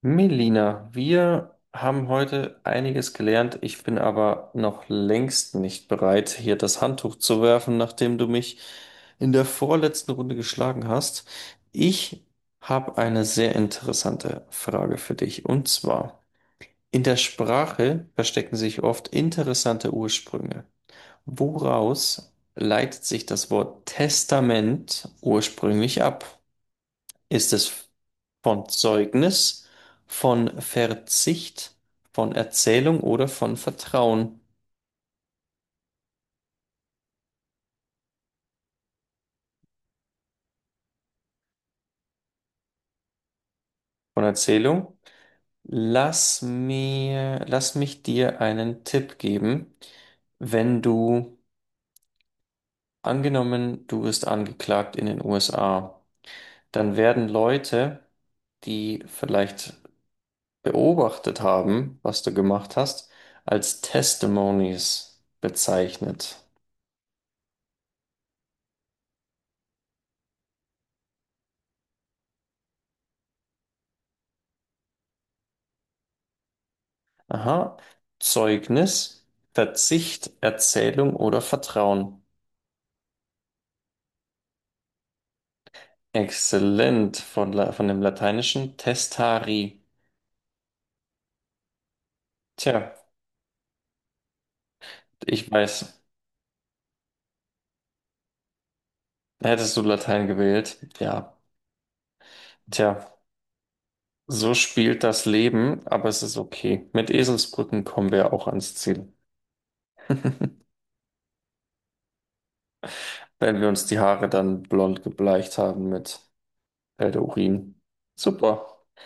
Melina, wir haben heute einiges gelernt. Ich bin aber noch längst nicht bereit, hier das Handtuch zu werfen, nachdem du mich in der vorletzten Runde geschlagen hast. Ich habe eine sehr interessante Frage für dich. Und zwar, in der Sprache verstecken sich oft interessante Ursprünge. Woraus leitet sich das Wort Testament ursprünglich ab? Ist es von Zeugnis, von Verzicht, von Erzählung oder von Vertrauen? Von Erzählung. Lass mich dir einen Tipp geben. Wenn du, angenommen, du wirst angeklagt in den USA, dann werden Leute, die vielleicht beobachtet haben, was du gemacht hast, als Testimonies bezeichnet. Aha. Zeugnis, Verzicht, Erzählung oder Vertrauen. Exzellent von, La von dem lateinischen testari. Tja, ich weiß, hättest du Latein gewählt? Ja. Tja, so spielt das Leben, aber es ist okay. Mit Eselsbrücken kommen wir auch ans Ziel. Wenn wir uns die Haare dann blond gebleicht haben mit Pferdeurin. Super.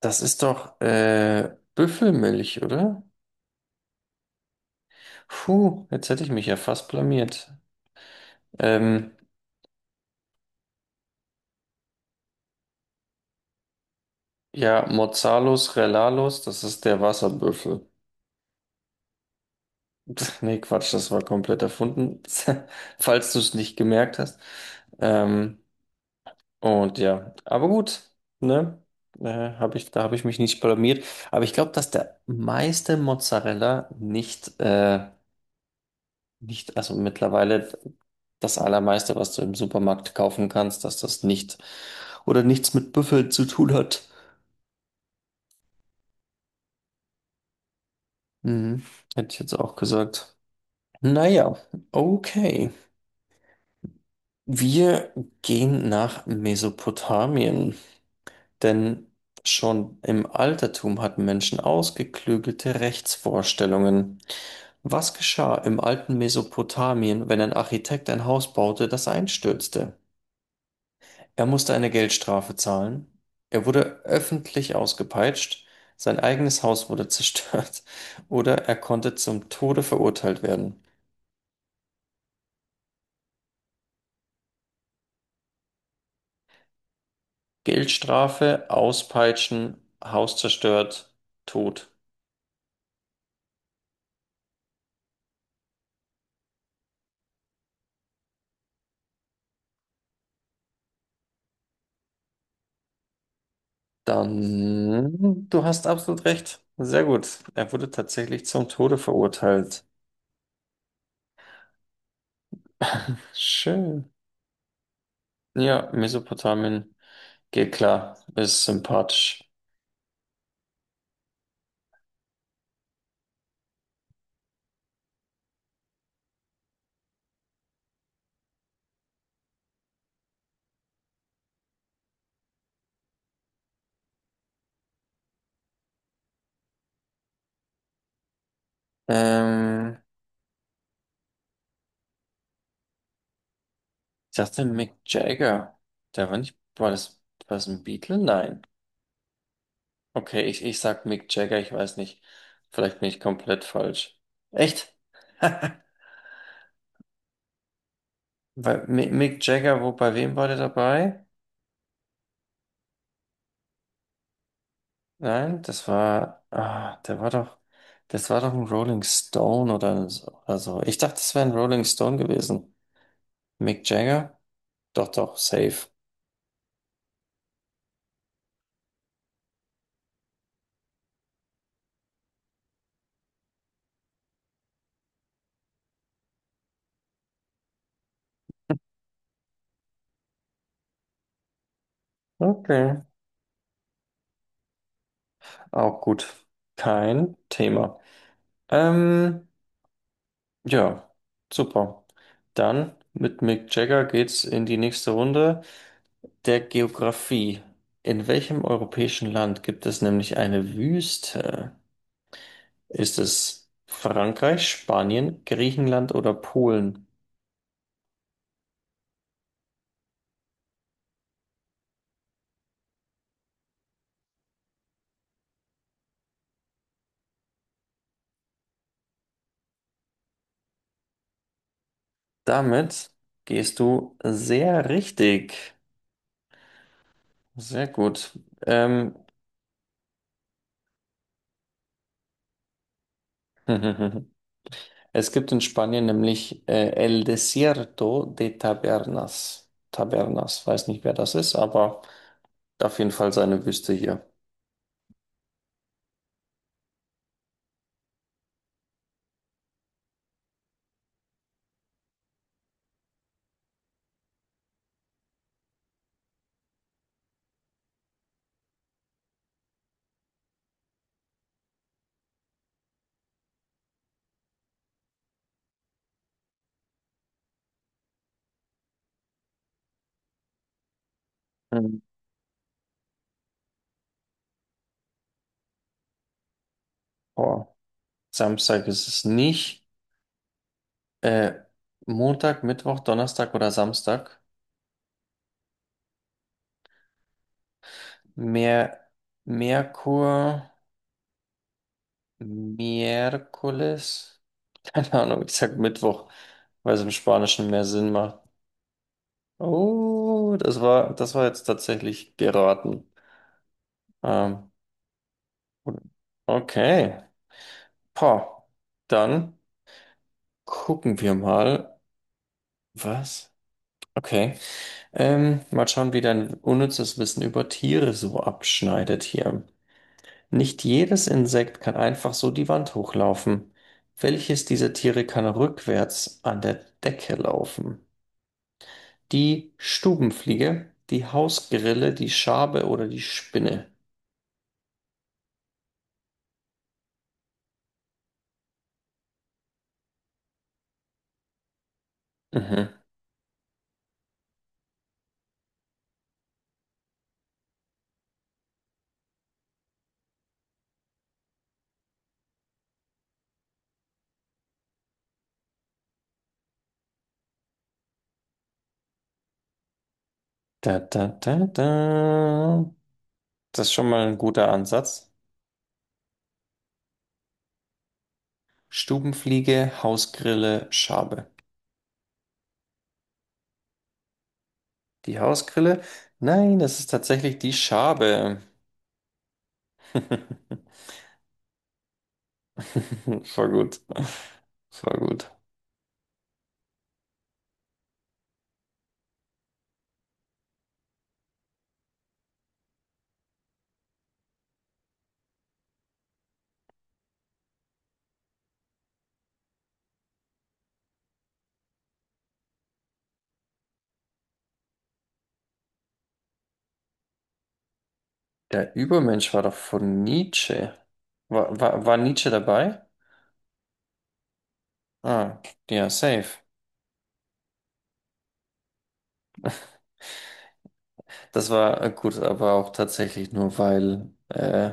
Das ist doch Büffelmilch, oder? Puh, jetzt hätte ich mich ja fast blamiert. Ähm, ja, Mozzalos Relalos, das ist der Wasserbüffel. Nee, Quatsch, das war komplett erfunden, falls du es nicht gemerkt hast. Ähm, und ja, aber gut, ne? Da habe ich mich nicht blamiert. Aber ich glaube, dass der meiste Mozzarella nicht, nicht, also mittlerweile das allermeiste, was du im Supermarkt kaufen kannst, dass das nicht oder nichts mit Büffel zu tun hat. Mhm. Hätte ich jetzt auch gesagt. Naja, okay. Wir gehen nach Mesopotamien, denn schon im Altertum hatten Menschen ausgeklügelte Rechtsvorstellungen. Was geschah im alten Mesopotamien, wenn ein Architekt ein Haus baute, das einstürzte? Er musste eine Geldstrafe zahlen, er wurde öffentlich ausgepeitscht, sein eigenes Haus wurde zerstört oder er konnte zum Tode verurteilt werden. Geldstrafe, Auspeitschen, Haus zerstört, Tod. Dann, du hast absolut recht. Sehr gut. Er wurde tatsächlich zum Tode verurteilt. Schön. Ja, Mesopotamien geht klar, ist sympathisch. Ähm, ich dachte Mick Jagger. Der war nicht, war das ein Beatle? Nein. Okay, ich sag Mick Jagger, ich weiß nicht. Vielleicht bin ich komplett falsch. Echt? Bei Mick Jagger, wo, bei wem war der dabei? Nein, der war doch, das war doch ein Rolling Stone oder so. Oder so. Ich dachte, das wäre ein Rolling Stone gewesen. Mick Jagger? Doch, doch, safe. Okay, auch gut. Kein Thema. Ähm, ja, super. Dann mit Mick Jagger geht's in die nächste Runde der Geografie. In welchem europäischen Land gibt es nämlich eine Wüste? Ist es Frankreich, Spanien, Griechenland oder Polen? Damit gehst du sehr richtig. Sehr gut. Ähm, es gibt in Spanien nämlich El Desierto de Tabernas. Tabernas, weiß nicht, wer das ist, aber auf jeden Fall seine Wüste hier. Mhm. Oh, Samstag ist es nicht. Äh, Montag, Mittwoch, Donnerstag oder Samstag? Mer Merkur. Miércoles? Keine Ahnung, ich sag Mittwoch, weil es im Spanischen mehr Sinn macht. Oh, das war jetzt tatsächlich geraten. Ähm, okay. Pah. Dann gucken wir mal. Was? Okay. Mal schauen, wie dein unnützes Wissen über Tiere so abschneidet hier. Nicht jedes Insekt kann einfach so die Wand hochlaufen. Welches dieser Tiere kann rückwärts an der Decke laufen? Die Stubenfliege, die Hausgrille, die Schabe oder die Spinne. Mhm. Da, da, da, da. Das ist schon mal ein guter Ansatz. Stubenfliege, Hausgrille, Schabe. Die Hausgrille? Nein, das ist tatsächlich die Schabe. Voll gut. Voll gut. Der Übermensch war doch von Nietzsche. War Nietzsche dabei? Ah, ja, safe. Das war gut, aber auch tatsächlich nur, weil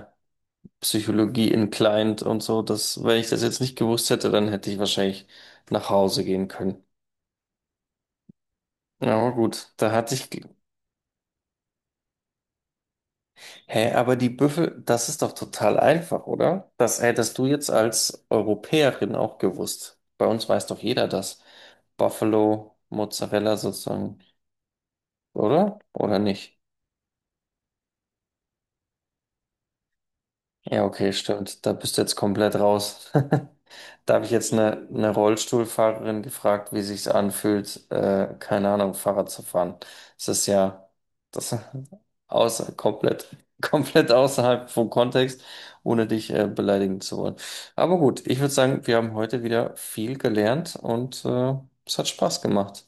Psychologie in Client und so. Das, wenn ich das jetzt nicht gewusst hätte, dann hätte ich wahrscheinlich nach Hause gehen können. Ja, aber gut, da hatte ich. Glück. Hä, aber die Büffel, das ist doch total einfach, oder? Das hättest du jetzt als Europäerin auch gewusst. Bei uns weiß doch jeder das. Buffalo, Mozzarella sozusagen, oder? Oder nicht? Ja, okay, stimmt. Da bist du jetzt komplett raus. Da habe ich jetzt eine Rollstuhlfahrerin gefragt, wie sich's anfühlt, keine Ahnung, Fahrrad zu fahren. Das ist ja das außer, komplett, komplett außerhalb vom Kontext, ohne dich beleidigen zu wollen. Aber gut, ich würde sagen, wir haben heute wieder viel gelernt und es hat Spaß gemacht.